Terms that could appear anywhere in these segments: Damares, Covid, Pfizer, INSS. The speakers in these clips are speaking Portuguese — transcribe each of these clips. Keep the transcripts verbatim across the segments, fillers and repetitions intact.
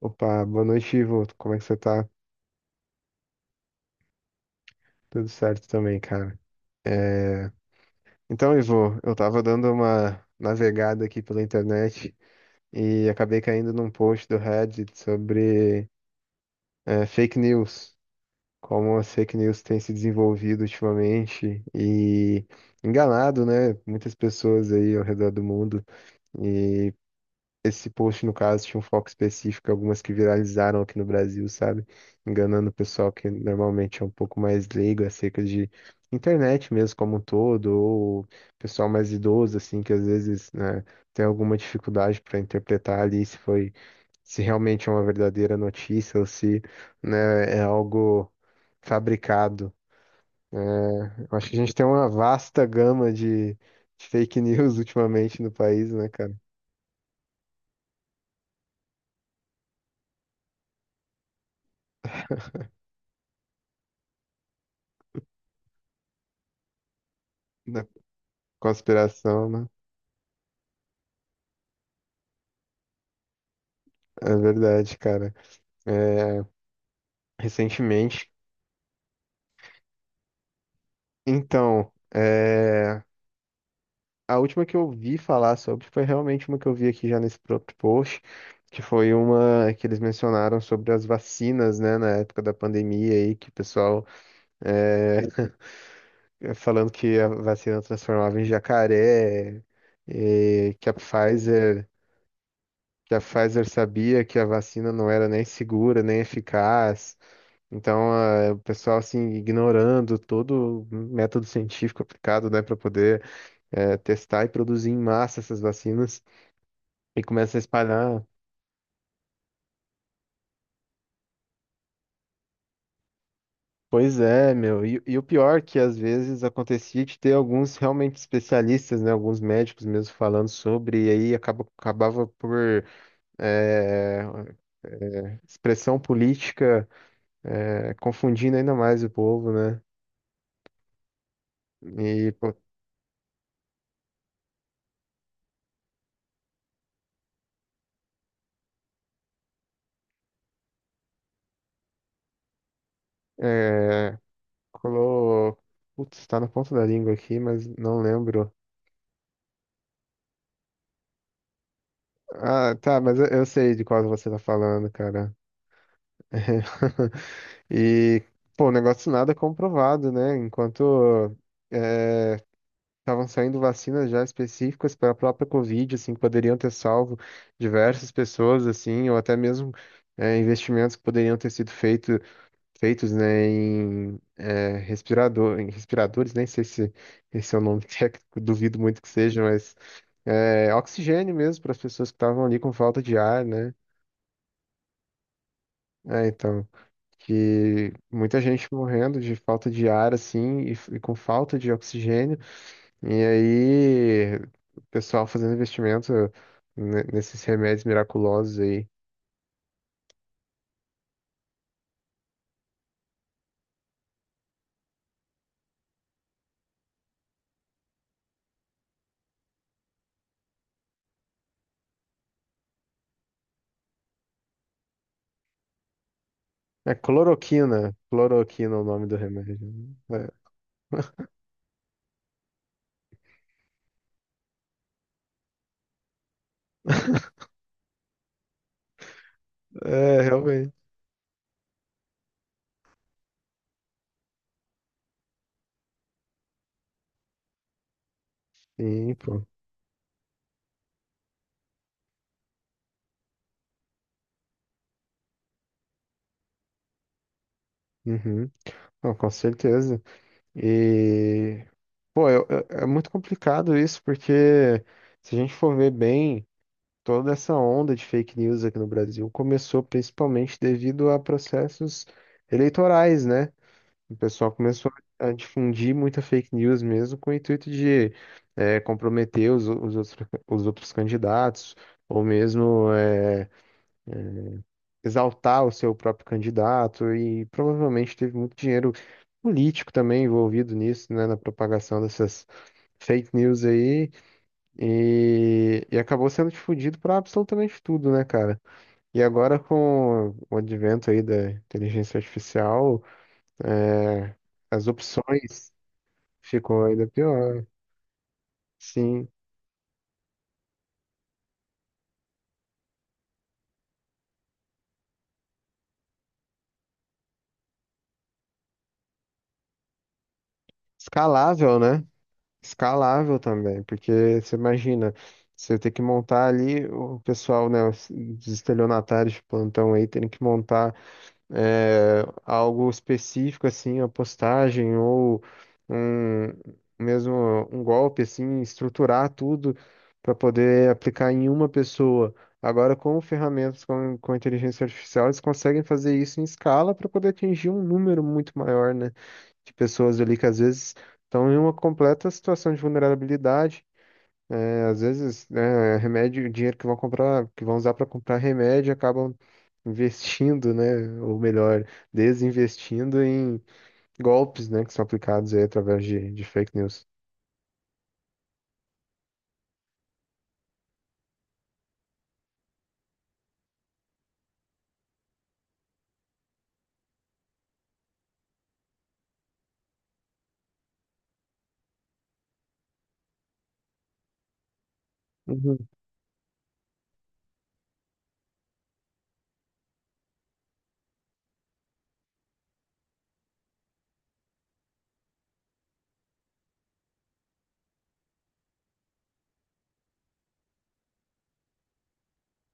Opa, boa noite, Ivo. Como é que você tá? Tudo certo também, cara. É, Então, Ivo, eu tava dando uma navegada aqui pela internet e acabei caindo num post do Reddit sobre é, fake news, como as fake news têm se desenvolvido ultimamente e enganado, né? Muitas pessoas aí ao redor do mundo. E Esse post, no caso, tinha um foco específico, algumas que viralizaram aqui no Brasil, sabe? Enganando o pessoal que normalmente é um pouco mais leigo acerca de internet mesmo como um todo, ou pessoal mais idoso, assim, que às vezes, né, tem alguma dificuldade para interpretar ali se foi, se realmente é uma verdadeira notícia ou se, né, é algo fabricado. É, eu acho que a gente tem uma vasta gama de, de fake news ultimamente no país, né, cara? Da conspiração, né? É verdade, cara. É, recentemente. Então, é, a última que eu vi falar sobre foi realmente uma que eu vi aqui já nesse próprio post, que foi uma que eles mencionaram sobre as vacinas, né, na época da pandemia aí, que o pessoal é, falando que a vacina transformava em jacaré, e que a Pfizer, que a Pfizer sabia que a vacina não era nem segura, nem eficaz. Então, eh, o pessoal assim ignorando todo o método científico aplicado, né, para poder eh, testar e produzir em massa essas vacinas e começa a espalhar. Pois é, meu. E, e o pior é que às vezes acontecia de ter alguns realmente especialistas, né, alguns médicos mesmo falando sobre, e aí acaba, acabava por eh, expressão política eh, confundindo ainda mais o povo, né? E pô, eh, Colou. Putz, tá na ponta da língua aqui, mas não lembro. Ah, tá, mas eu, eu sei de qual você tá falando, cara. E, pô, o negócio nada comprovado, né? Enquanto estavam saindo vacinas já específicas para a própria Covid, assim, que poderiam ter salvo diversas pessoas, assim, ou até mesmo é, investimentos que poderiam ter sido feitos feitos, né, em é, respirador, em respiradores, nem sei se esse é o nome técnico, duvido muito que seja, mas é, oxigênio mesmo para as pessoas que estavam ali com falta de ar, né? É, então, que muita gente morrendo de falta de ar, assim, e, f- e com falta de oxigênio, e aí o pessoal fazendo investimento ne- nesses remédios miraculosos aí. É cloroquina, cloroquina é o nome do remédio. Né? É, é realmente. Sim, pô. Uhum. Não, com certeza. E, pô, eu- eu- é, muito complicado isso, porque se a gente for ver bem, toda essa onda de fake news aqui no Brasil começou principalmente devido a processos eleitorais, né? O pessoal começou a difundir muita fake news mesmo com o intuito de eh, comprometer os, os outros, os outros candidatos, ou mesmo. eh, exaltar o seu próprio candidato e provavelmente teve muito dinheiro político também envolvido nisso, né, na propagação dessas fake news aí e, e acabou sendo difundido para absolutamente tudo, né, cara? E agora com o advento aí da inteligência artificial, é, as opções ficou ainda pior. Sim, escalável, né? Escalável também, porque você imagina, você ter que montar ali o pessoal, né, os os estelionatários de plantão aí, terem que montar eh, algo específico, assim, a postagem ou um, mesmo um golpe, assim, estruturar tudo para poder aplicar em uma pessoa. Agora, com ferramentas com, com inteligência artificial, eles conseguem fazer isso em escala para poder atingir um número muito maior, né? De pessoas ali que às vezes estão em uma completa situação de vulnerabilidade. É, às vezes, né, remédio, dinheiro que vão comprar, que vão usar para comprar remédio, acabam investindo, né, ou melhor, desinvestindo em golpes, né, que são aplicados aí através de, de fake news. Uhum,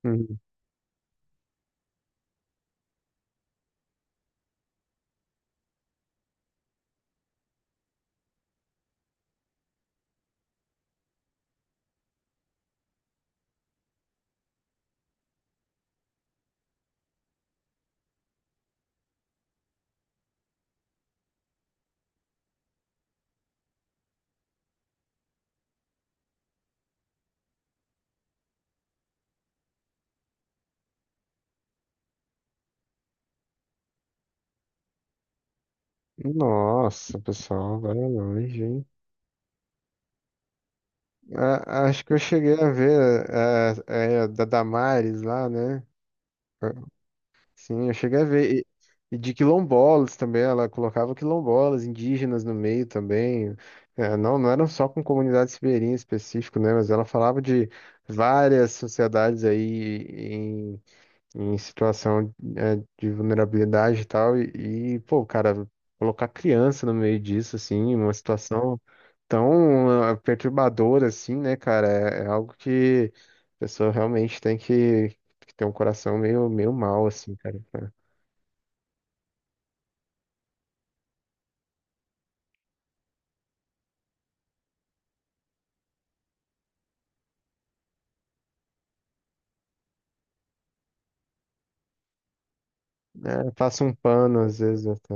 uhum. Nossa, pessoal, vai longe, hein? A- acho que eu cheguei a ver é, é, da Damares lá, né? Sim, eu cheguei a ver. E, e de quilombolas também, ela colocava quilombolas, indígenas no meio também. É, não, não eram só com comunidades ribeirinhas específico, né? Mas ela falava de várias sociedades aí em situação é, de vulnerabilidade e tal, e, e, pô, cara, colocar criança no meio disso, assim, uma situação tão ah, perturbadora, assim, né, cara, é, é algo que a pessoa realmente tem que, que ter um coração meio, meio mal, assim, cara. pra- É, passa um pano, às vezes, até.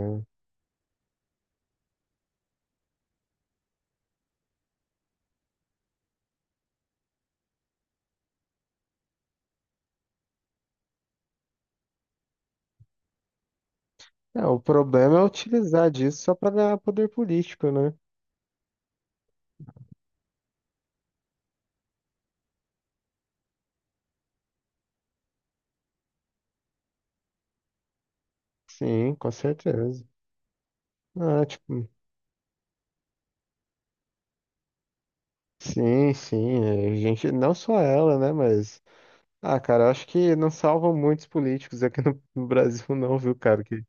É, o problema é utilizar disso só pra ganhar poder político, né? Sim, com certeza. Ah, tipo, sim, sim, é, gente, não só ela, né, mas ah, cara, eu acho que não salvam muitos políticos aqui no, no Brasil, não, viu, cara? Que,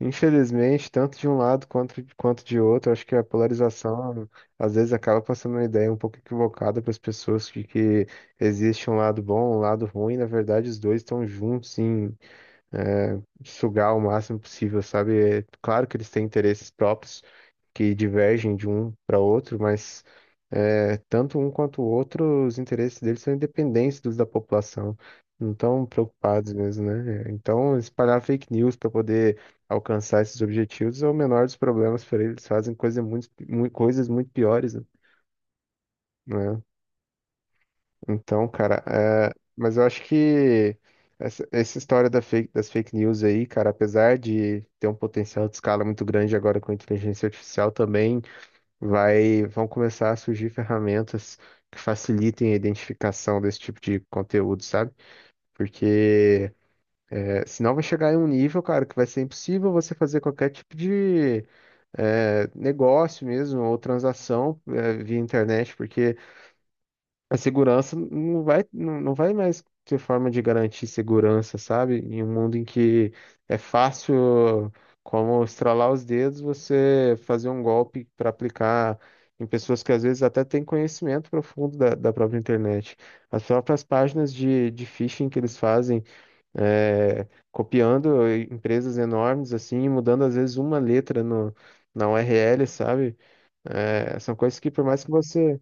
infelizmente, tanto de um lado quanto, quanto de outro, eu acho que a polarização às vezes acaba passando uma ideia um pouco equivocada para as pessoas de que existe um lado bom, um lado ruim. Na verdade, os dois estão juntos em eh, sugar o máximo possível, sabe? É claro que eles têm interesses próprios que divergem de um para outro, mas. É, tanto um quanto o outro, os interesses deles são independentes dos da população, não estão preocupados mesmo, né? Então, espalhar fake news para poder alcançar esses objetivos é o menor dos problemas para eles, fazem coisa muito, mui- coisas muito piores, né? Então, cara, é, mas eu acho que essa, essa história da fake- das fake news aí, cara, apesar de ter um potencial de escala muito grande agora com a inteligência artificial também vai, vão começar a surgir ferramentas que facilitem a identificação desse tipo de conteúdo, sabe? Porque é, senão vai chegar em um nível, cara, que vai ser impossível você fazer qualquer tipo de é, negócio mesmo ou transação é, via internet, porque a segurança não vai, não, não vai mais ter forma de garantir segurança, sabe? Em um mundo em que é fácil, como estralar os dedos, você fazer um golpe para aplicar em pessoas que às vezes até têm conhecimento profundo da, da própria internet. As próprias páginas de, de phishing que eles fazem, é, copiando empresas enormes, assim, mudando às vezes uma letra no, na U R L, sabe? É, são coisas que por mais que você.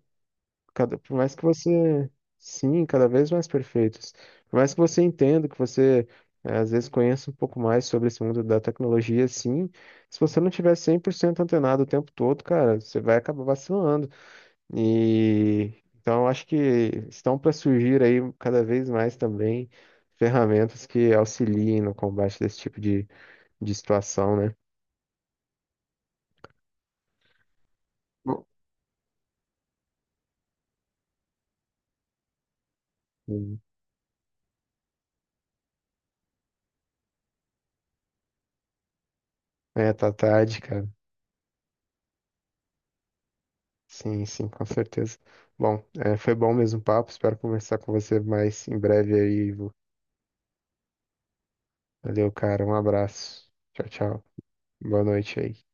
Cada, por mais que você, sim, cada vez mais perfeitos. Por mais que você entenda, que você eh, às vezes conheça um pouco mais sobre esse mundo da tecnologia, sim. Se você não tiver cem por cento antenado o tempo todo, cara, você vai acabar vacilando. E então eu acho que estão para surgir aí cada vez mais também ferramentas que auxiliem no combate desse tipo de, de situação, né? Hum. É, tá tarde, cara. Sim, sim, com certeza. Bom, é, foi bom mesmo o papo. Espero conversar com você mais em breve aí, Ivo. Valeu, cara. Um abraço. Tchau, tchau. Boa noite aí.